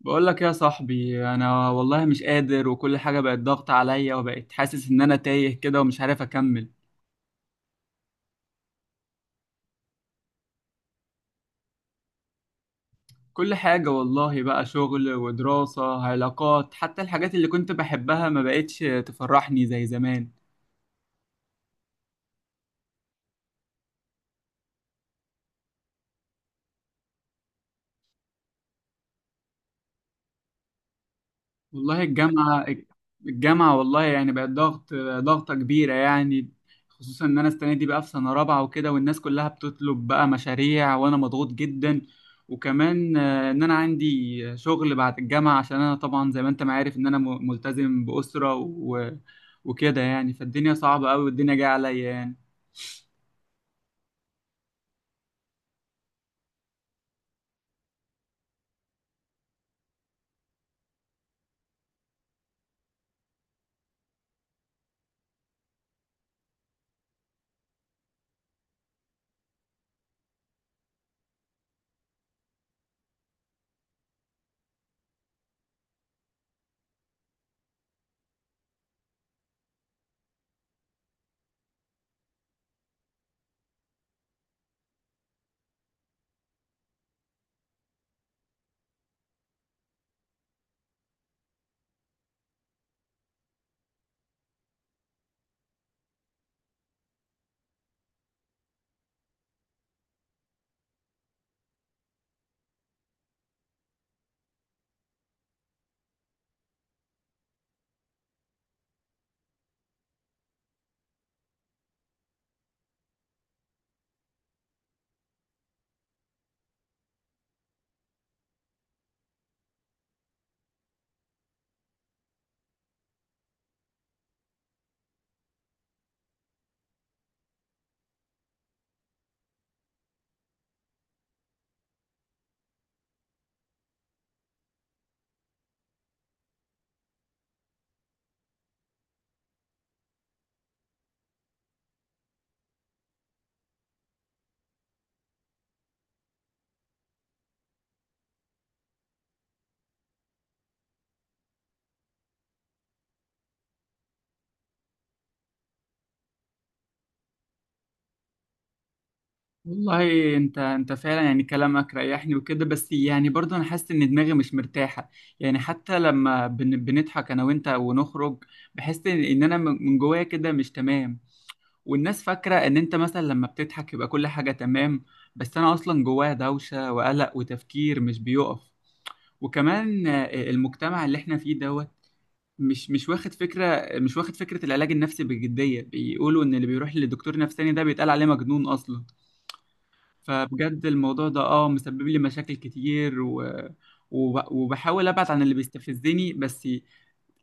بقول لك يا صاحبي، انا والله مش قادر، وكل حاجة بقت ضغط عليا، وبقيت حاسس ان انا تايه كده ومش عارف اكمل. كل حاجة والله، بقى شغل ودراسة علاقات، حتى الحاجات اللي كنت بحبها ما بقتش تفرحني زي زمان. والله الجامعة. الجامعة والله يعني بقت ضغط، ضغطة كبيرة يعني. خصوصا إن أنا السنة دي بقى في سنة رابعة وكده، والناس كلها بتطلب بقى مشاريع، وأنا مضغوط جدا. وكمان إن أنا عندي شغل بعد الجامعة، عشان أنا طبعا زي ما أنت ما عارف إن أنا ملتزم بأسرة وكده يعني، فالدنيا صعبة أوي والدنيا جاية عليا يعني. والله انت فعلا يعني كلامك ريحني وكده، بس يعني برضه انا حاسس ان دماغي مش مرتاحه. يعني حتى لما بنضحك انا وانت ونخرج، بحس ان انا من جوايا كده مش تمام. والناس فاكره ان انت مثلا لما بتضحك يبقى كل حاجه تمام، بس انا اصلا جوايا دوشه وقلق وتفكير مش بيقف. وكمان المجتمع اللي احنا فيه دوت، مش واخد فكره، مش واخد فكره العلاج النفسي بجديه، بيقولوا ان اللي بيروح لدكتور نفساني ده بيتقال عليه مجنون اصلا. فبجد الموضوع ده اه مسبب لي مشاكل كتير، وبحاول ابعد عن اللي بيستفزني، بس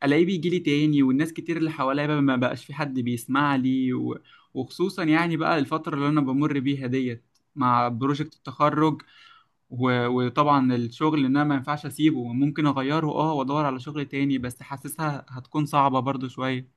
الاقيه بيجي لي تاني. والناس كتير اللي حواليا بقى ما بقاش في حد بيسمع لي، وخصوصا يعني بقى الفترة اللي انا بمر بيها ديت مع بروجكت التخرج، وطبعا الشغل ان انا ما ينفعش اسيبه، ممكن اغيره اه وادور على شغل تاني، بس حاسسها هتكون صعبة برضو شوية.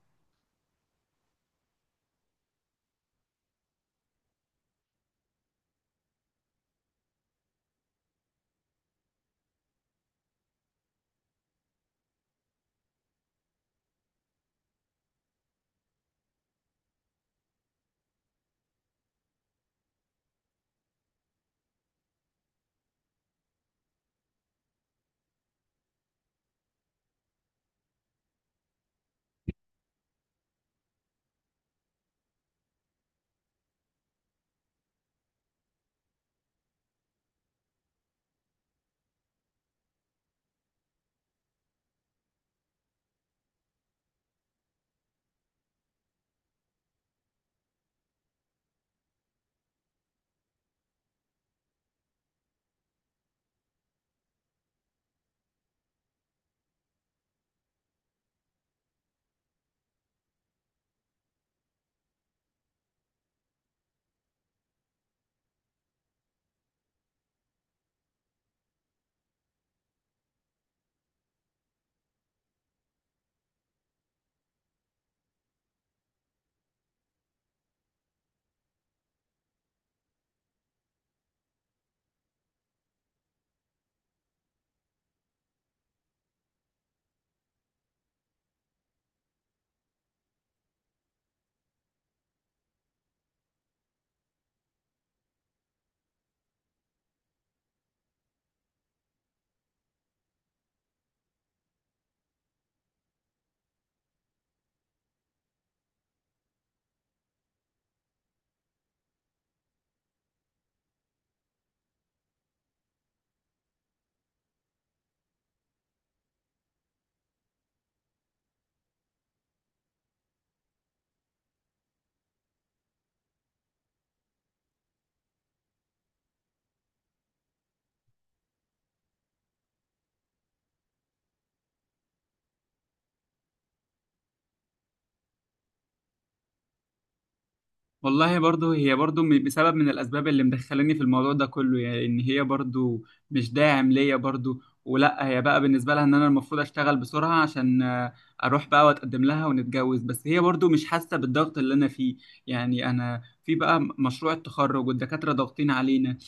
والله برضه هي برضه بسبب من الأسباب اللي مدخلاني في الموضوع ده كله، يعني إن هي برضه مش داعم ليا برضه. ولا هي بقى بالنسبة لها إن أنا المفروض أشتغل بسرعة، عشان أروح بقى وأتقدم لها ونتجوز، بس هي برضه مش حاسة بالضغط اللي أنا فيه. يعني أنا في بقى مشروع التخرج والدكاترة ضاغطين علينا،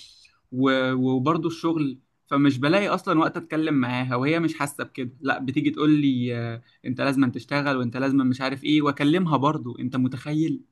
وبرضه الشغل. فمش بلاقي أصلا وقت أتكلم معاها، وهي مش حاسة بكده، لا بتيجي تقول لي أنت لازم تشتغل وأنت لازم مش عارف إيه، وأكلمها برضه أنت متخيل.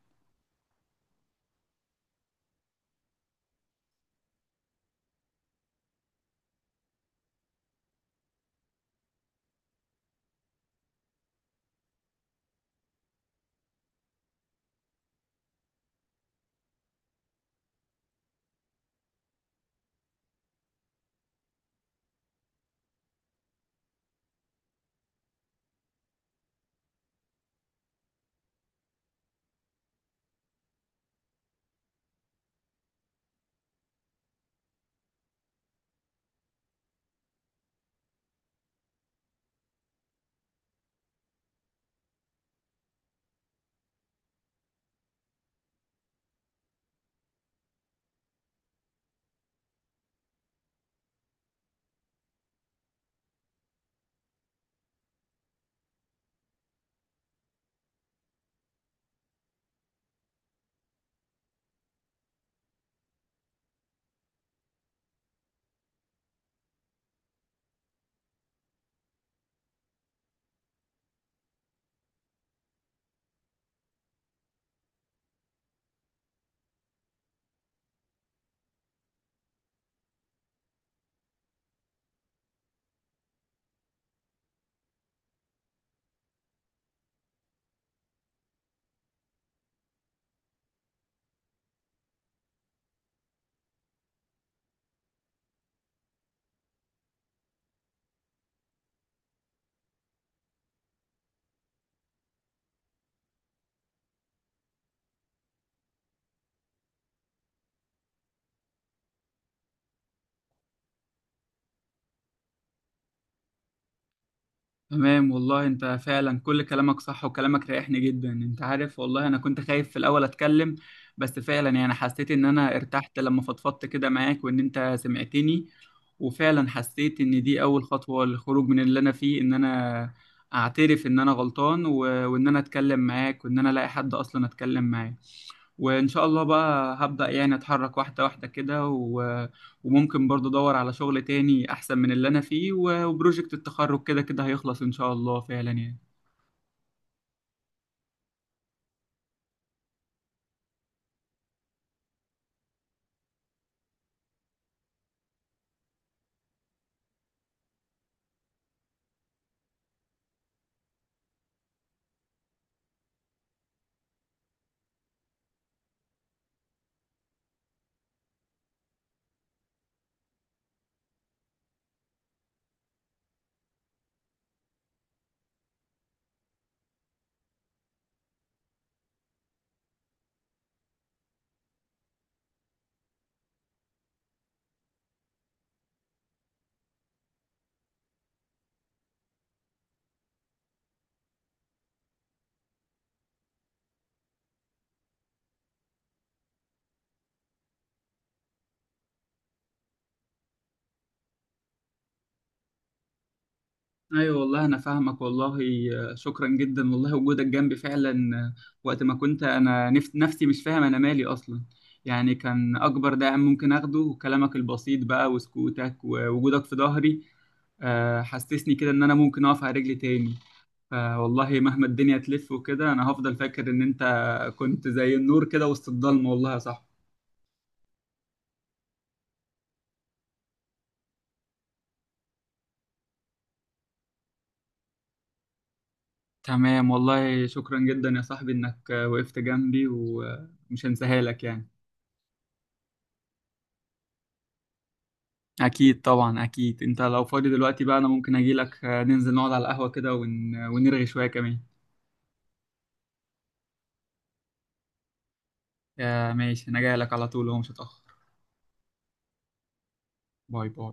تمام والله، انت فعلا كل كلامك صح، وكلامك ريحني جدا انت عارف. والله انا كنت خايف في الاول اتكلم، بس فعلا يعني حسيت ان انا ارتحت لما فضفضت كده معاك وان انت سمعتني. وفعلا حسيت ان دي اول خطوة للخروج من اللي انا فيه، ان انا اعترف ان انا غلطان، وان انا اتكلم معاك، وان انا الاقي حد اصلا اتكلم معاه. وإن شاء الله بقى هبدأ يعني أتحرك واحدة واحدة كده، وممكن برضه أدور على شغل تاني أحسن من اللي أنا فيه، وبروجكت التخرج كده كده هيخلص إن شاء الله فعلا يعني. أيوة والله أنا فاهمك والله. شكرا جدا والله، وجودك جنبي فعلا وقت ما كنت أنا نفسي مش فاهم أنا مالي أصلا، يعني كان أكبر داعم ممكن أخده كلامك البسيط بقى، وسكوتك ووجودك في ظهري حسسني كده إن أنا ممكن أقف على رجلي تاني. آه والله مهما الدنيا تلف وكده، انا هفضل فاكر ان انت كنت زي النور كده وسط الضلمه، والله يا صاحبي. تمام والله، شكرا جدا يا صاحبي انك وقفت جنبي ومش هنساها لك يعني. اكيد طبعا اكيد، انت لو فاضي دلوقتي بقى انا ممكن اجي لك ننزل نقعد على القهوه كده ونرغي شويه كمان. آه ماشي، انا جاي لك على طول، هو مش هتاخر. باي باي.